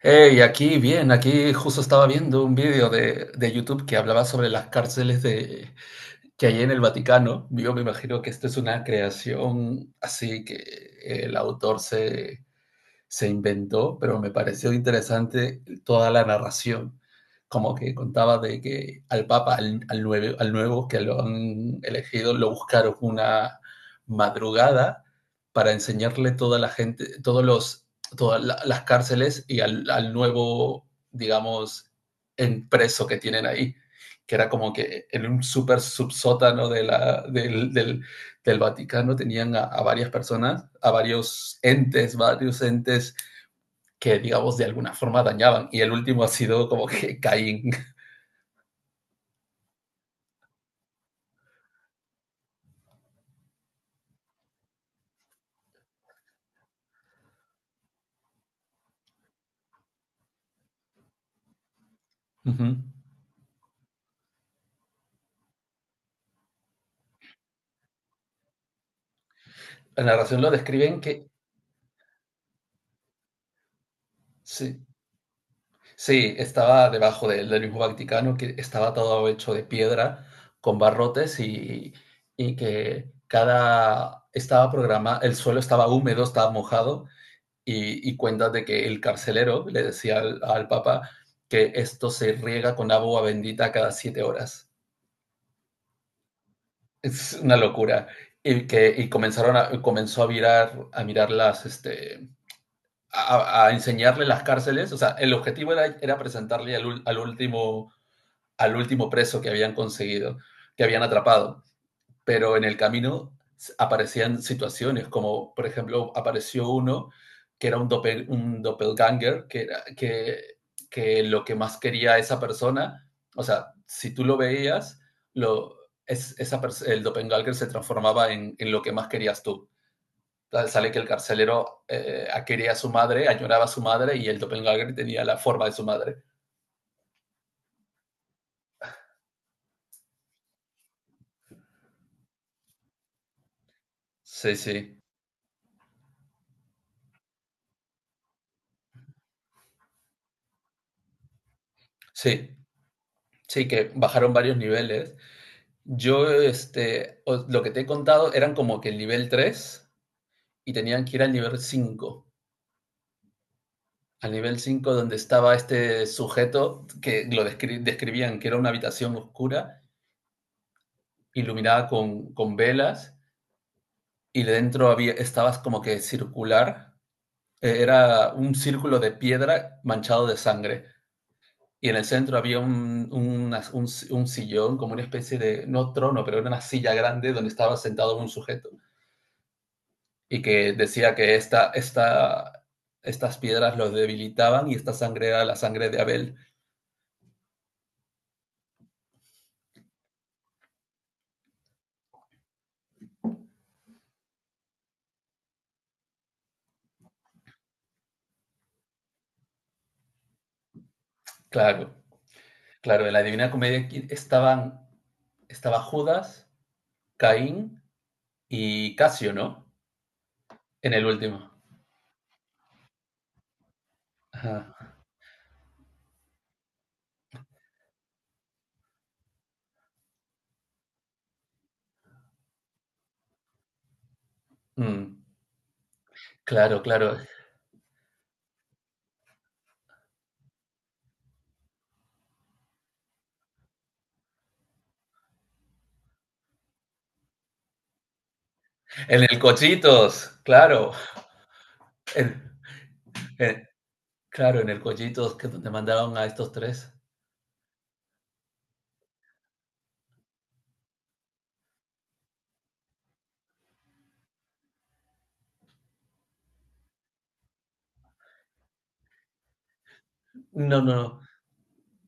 Hey, aquí bien, aquí justo estaba viendo un vídeo de YouTube que hablaba sobre las cárceles que hay en el Vaticano. Yo me imagino que esto es una creación así que el autor se inventó, pero me pareció interesante toda la narración, como que contaba de que al Papa, al nuevo, al nuevo que lo han elegido, lo buscaron una madrugada para enseñarle toda la gente, todas las cárceles y al nuevo, digamos, preso que tienen ahí, que era como que en un súper subsótano de la, del, del- del Vaticano tenían a varias personas, a varios entes que, digamos, de alguna forma dañaban. Y el último ha sido como que Caín. Uh -huh. La narración lo describen que sí, sí estaba debajo del mismo Vaticano, que estaba todo hecho de piedra con barrotes y que cada estaba programado, el suelo estaba húmedo, estaba mojado y cuentas de que el carcelero le decía al Papa que esto se riega con agua bendita cada 7 horas. Es una locura. Y que y comenzaron a, Comenzó a mirar, a enseñarle las cárceles. O sea, el objetivo era presentarle al último, preso que habían conseguido, que habían atrapado, pero en el camino aparecían situaciones, como por ejemplo apareció uno que era un doppelganger, que lo que más quería esa persona, o sea, si tú lo veías, lo, es, esa, el doppelganger se transformaba en lo que más querías tú. Sale que el carcelero quería a su madre, añoraba a su madre y el doppelganger tenía la forma de su madre. Sí, sí, sí, sí, que bajaron varios niveles. Lo que te he contado eran como que el nivel 3 y tenían que ir al nivel 5. Al nivel 5 donde estaba este sujeto que lo describían que era una habitación oscura, iluminada con velas y dentro estabas como que circular. Era un círculo de piedra manchado de sangre. Y en el centro había un sillón, como una especie de, no trono, pero era una silla grande donde estaba sentado un sujeto. Y que decía que estas piedras los debilitaban y esta sangre era la sangre de Abel. Claro, claro, en la Divina Comedia estaba Judas, Caín y Casio, ¿no? En el último. Ajá. Mm, claro, claro. En el Cochitos, claro. En, en claro, en el Cochitos que te mandaron a estos tres. No, no, no.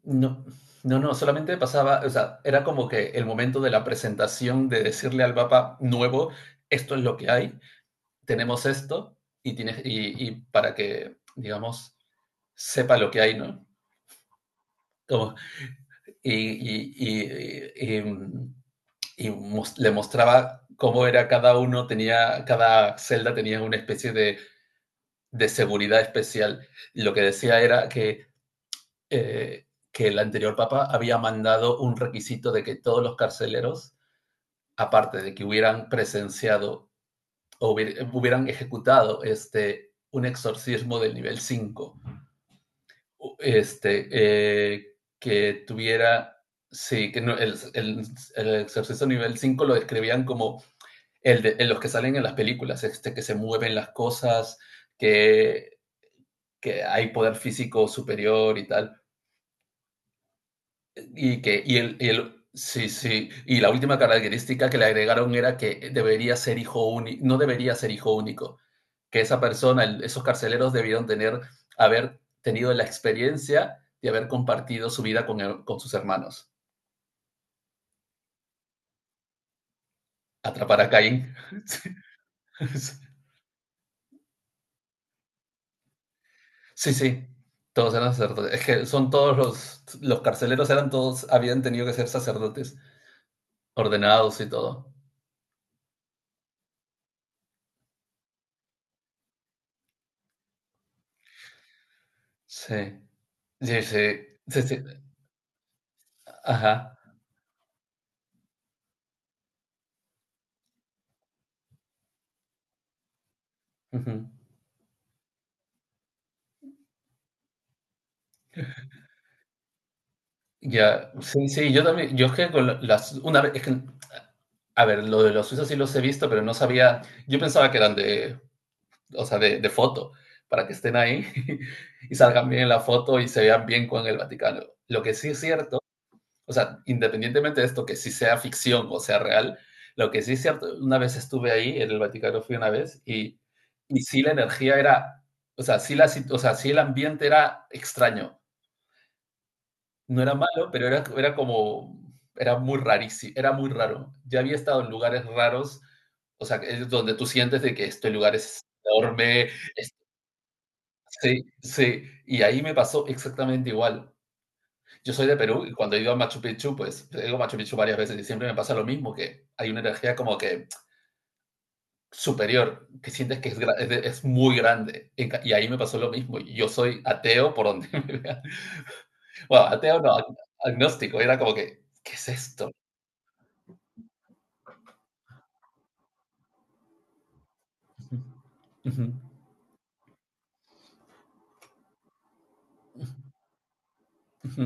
No, no, no, solamente pasaba, o sea, era como que el momento de la presentación de decirle al Papa nuevo, esto es lo que hay, tenemos esto, y tienes, y para que, digamos, sepa lo que hay, ¿no? Como- y, mm, y mos- Le mostraba cómo era cada uno, cada celda tenía una especie de seguridad especial. Y lo que decía era eh, que el anterior papa había mandado un requisito de que todos los carceleros, aparte de que hubieran presenciado o hubieran ejecutado un exorcismo del nivel 5, que tuviera. Sí, que no, el exorcismo nivel 5 lo describían como en los que salen en las películas, que se mueven las cosas, que, que hay poder físico superior y tal. Y que, y el, Sí, sí, y la última característica que le agregaron era que debería ser hijo único, no debería ser hijo único, que esa persona, esos carceleros debieron haber tenido la experiencia de haber compartido su vida con sus hermanos. Atrapar a Caín. Sí, sí, sí, todos eran sacerdotes. Es que son todos los carceleros eran todos, habían tenido que ser sacerdotes, ordenados y todo. Sí, sí, sí, sí, sí, ajá. Ya, sí, sí, yo también, yo es que las, una vez, es que, a ver, lo de los suizos sí los he visto, pero no sabía, yo pensaba que eran o sea, de foto, para que estén ahí y salgan bien en la foto y se vean bien con el Vaticano. Lo que sí es cierto, o sea, independientemente de esto, que sí sea ficción o sea real, lo que sí es cierto, una vez estuve ahí, en el Vaticano fui una vez, y sí la energía era, o sea, o sea, sí el ambiente era extraño. No era malo, pero era como, era muy rarísimo, era muy raro. Ya había estado en lugares raros, o sea, es donde tú sientes de que este lugar es enorme, es- sí, sí, y ahí me pasó exactamente igual. Yo soy de Perú y cuando he ido a Machu Picchu, pues he ido a Machu Picchu varias veces y siempre me pasa lo mismo, que hay una energía como que superior, que sientes que es muy grande. Y ahí me pasó lo mismo. Y yo soy ateo por donde me vea. Bueno, ateo no, agnóstico, era como que, ¿qué es esto? Ujú, ujú.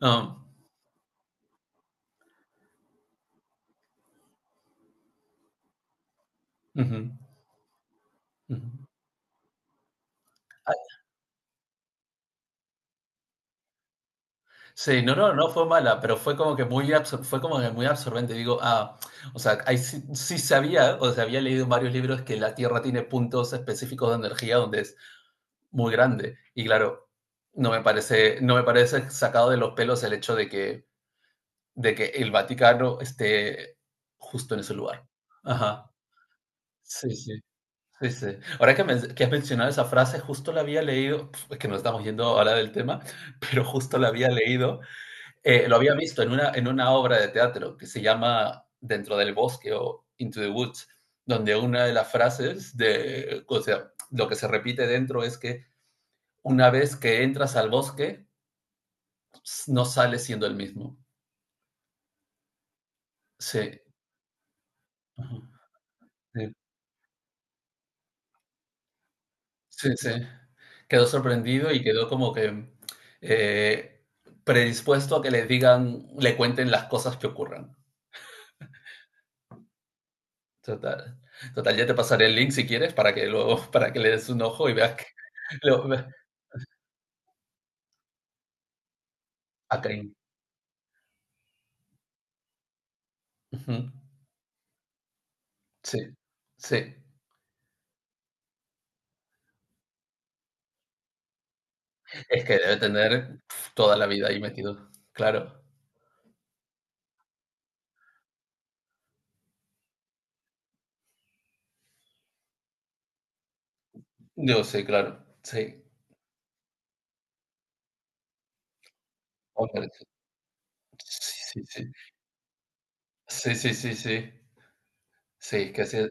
Ah, ujú, ujú. Ah, sí, no, no, no fue mala, pero fue como que muy absorbente. Digo, o sea, ahí sí, sí sabía, o sea, había leído en varios libros que la Tierra tiene puntos específicos de energía donde es muy grande. Y claro, no me parece sacado de los pelos el hecho de que el Vaticano esté justo en ese lugar. Ajá. Sí, sí. Sí, sí. Ahora que has mencionado esa frase, justo la había leído, es que nos estamos yendo ahora del tema, pero justo la había leído, lo había visto en una obra de teatro que se llama Dentro del bosque o Into the Woods, donde una de las frases o sea, lo que se repite dentro es que una vez que entras al bosque, no sales siendo el mismo. Sí. Ujú. Sí, sí, sí. Quedó sorprendido y quedó como que eh, predispuesto a que le digan, le cuenten las cosas que ocurran. Total. Total, ya te pasaré el link si quieres para que luego, para que le des un ojo y veas que lo, ve- a Kane. Ujú. Sí, sí. Es que debe tener toda la vida ahí metido. Claro. Yo sí, claro. Sí. Hombre, sí, sí, sí. Sí, sí, sí, sí. Sí, que sí.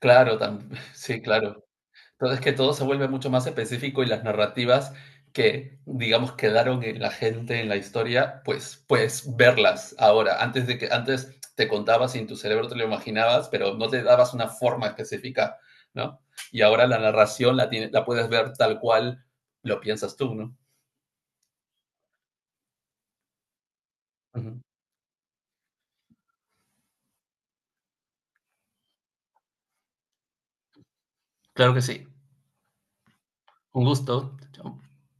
Claro, también. Sí, claro. Entonces que todo se vuelve mucho más específico y las narrativas que, digamos, quedaron en la gente, en la historia, pues verlas ahora. Antes de que antes te contabas y en tu cerebro te lo imaginabas, pero no te dabas una forma específica, ¿no? Y ahora la narración la puedes ver tal cual lo piensas tú, ¿no? Ujú. Claro que sí. Un gusto. Chao.